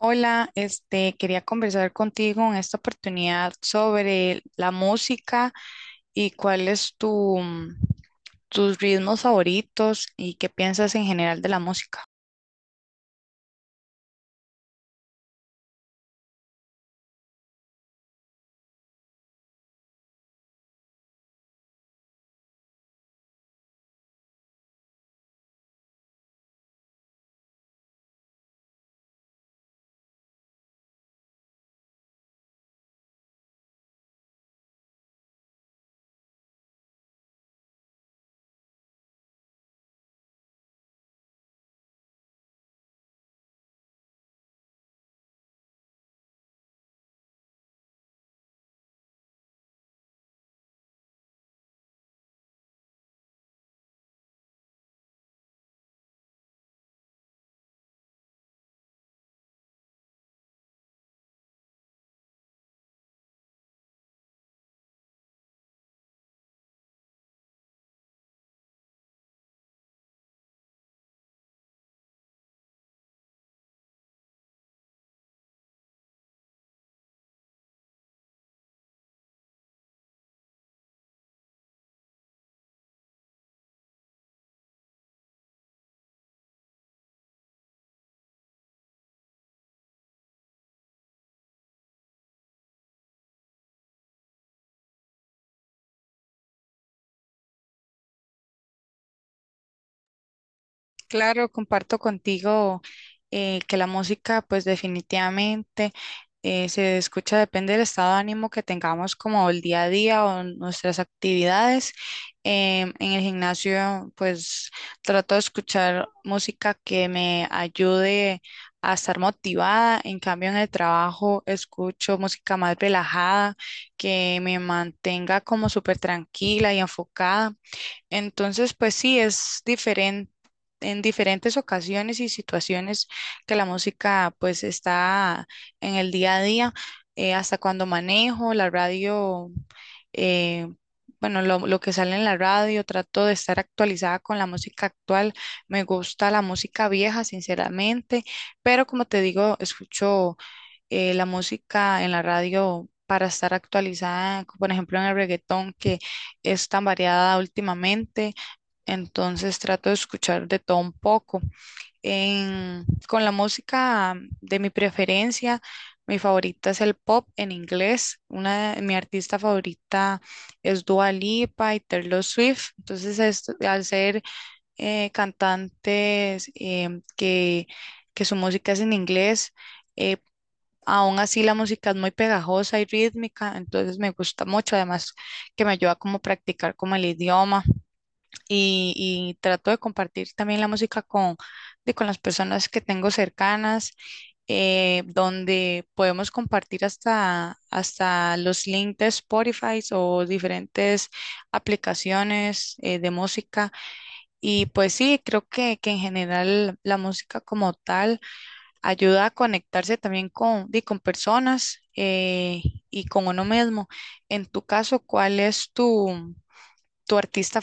Hola, este, quería conversar contigo en esta oportunidad sobre la música y cuál es tu, tus ritmos favoritos y qué piensas en general de la música. Claro, comparto contigo que la música, pues definitivamente se escucha, depende del estado de ánimo que tengamos como el día a día o nuestras actividades. En el gimnasio, pues trato de escuchar música que me ayude a estar motivada. En cambio, en el trabajo escucho música más relajada, que me mantenga como súper tranquila y enfocada. Entonces, pues sí, es diferente en diferentes ocasiones y situaciones que la música pues está en el día a día, hasta cuando manejo la radio, eh, bueno, lo que sale en la radio, trato de estar actualizada con la música actual, me gusta la música vieja, sinceramente, pero como te digo, escucho la música en la radio, para estar actualizada, por ejemplo, en el reggaetón que es tan variada últimamente, entonces trato de escuchar de todo un poco. Con la música de mi preferencia, mi favorita es el pop en inglés. Mi artista favorita es Dua Lipa y Taylor Swift. Entonces, al ser cantantes que su música es en inglés, eh, aún así la música es muy pegajosa y rítmica. Entonces, me gusta mucho. Además, que me ayuda como a practicar como el idioma y trato de compartir también la música con, con las personas que tengo cercanas, donde podemos compartir hasta los links de Spotify o diferentes aplicaciones de música. Y pues sí, creo que en general la música como tal ayuda a conectarse también con, di, con personas y con uno mismo. En tu caso, ¿cuál es tu, tu artista?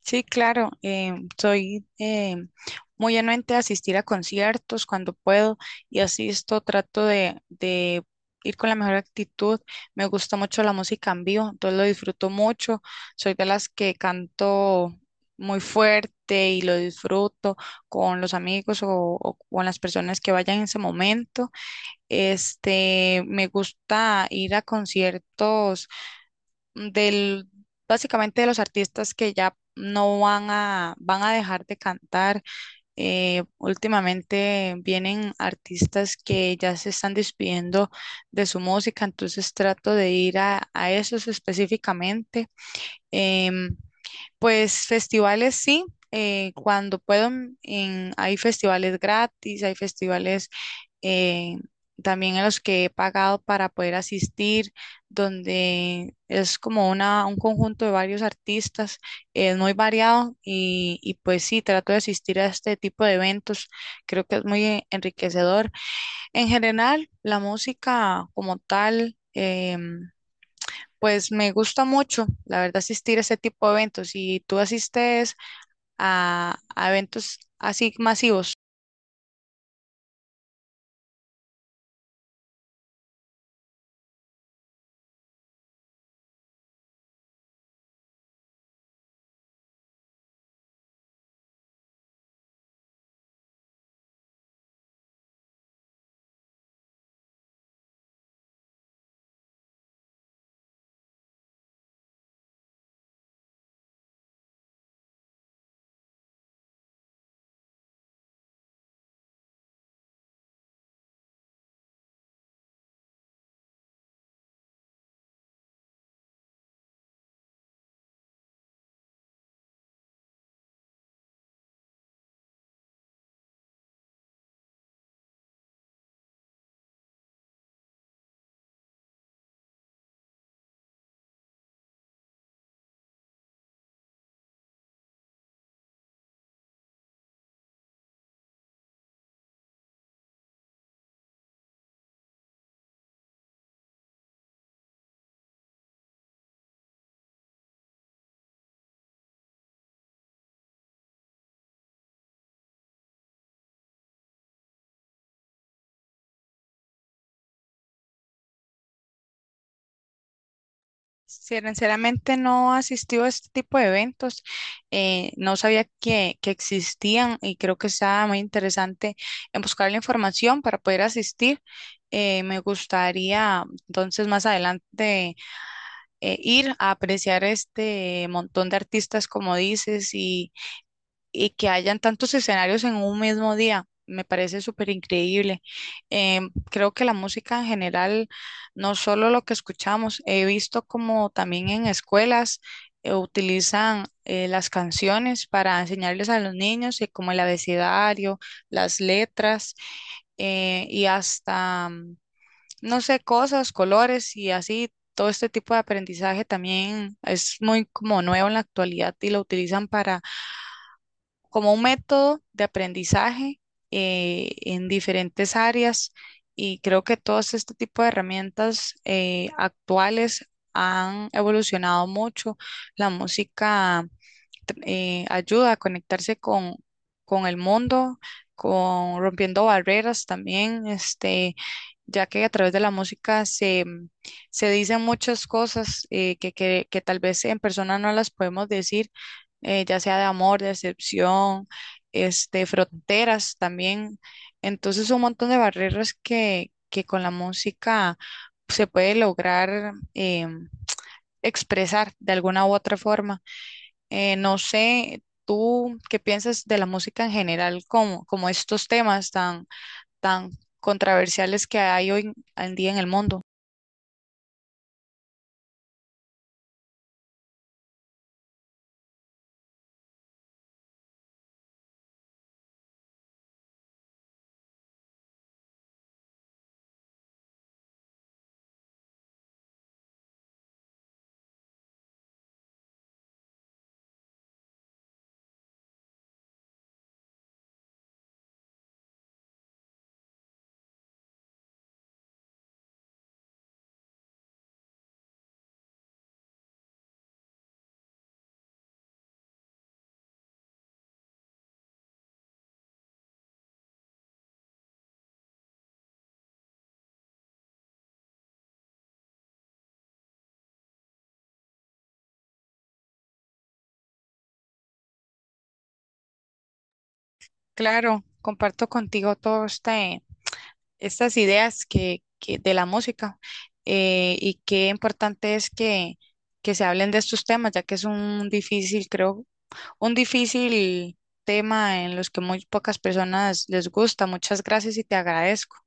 Sí, claro, soy muy anuente a asistir a conciertos cuando puedo y asisto, trato de ir con la mejor actitud. Me gusta mucho la música en vivo, entonces lo disfruto mucho. Soy de las que canto muy fuerte y lo disfruto con los amigos o con las personas que vayan en ese momento. Este, me gusta ir a conciertos del, básicamente de los artistas que ya no van a dejar de cantar. Últimamente vienen artistas que ya se están despidiendo de su música, entonces trato de ir a esos específicamente. Em, pues festivales sí. Cuando puedo, mm, hay festivales gratis, hay festivales eh, también en los que he pagado para poder asistir, donde es como un conjunto de varios artistas, es muy variado y pues sí, trato de asistir a este tipo de eventos, creo que es muy enriquecedor. En general, la música como tal, pues me gusta mucho, la verdad, asistir a este tipo de eventos. ¿Y tú asistes a eventos así masivos? Sí, sinceramente no asistió a este tipo de eventos, no sabía que existían y creo que está muy interesante en buscar la información para poder asistir. Me gustaría entonces más adelante ir a apreciar este montón de artistas como dices y que hayan tantos escenarios en un mismo día. Me parece súper increíble. Creo que la música en general, no solo lo que escuchamos, he visto como también en escuelas utilizan las canciones para enseñarles a los niños, y como el abecedario, las letras y no sé, cosas, colores y así. Todo este tipo de aprendizaje también es muy como nuevo en la actualidad y lo utilizan para como un método de aprendizaje en diferentes áreas y creo que todos este tipo de herramientas actuales han evolucionado mucho. La música ayuda a conectarse con el mundo, con rompiendo barreras también, este, ya que a través de la música se, se dicen muchas cosas que tal vez en persona no las podemos decir, ya sea de amor, de decepción, este, fronteras también. Entonces, un montón de barreras que con la música se puede lograr expresar de alguna u otra forma. No sé, tú qué piensas de la música en general, como, como estos temas tan, tan controversiales que hay hoy en día en el mundo. Claro, comparto contigo todas estas ideas que de la música y qué importante es que se hablen de estos temas, ya que es un difícil, creo, un difícil tema en los que muy pocas personas les gusta. Muchas gracias y te agradezco.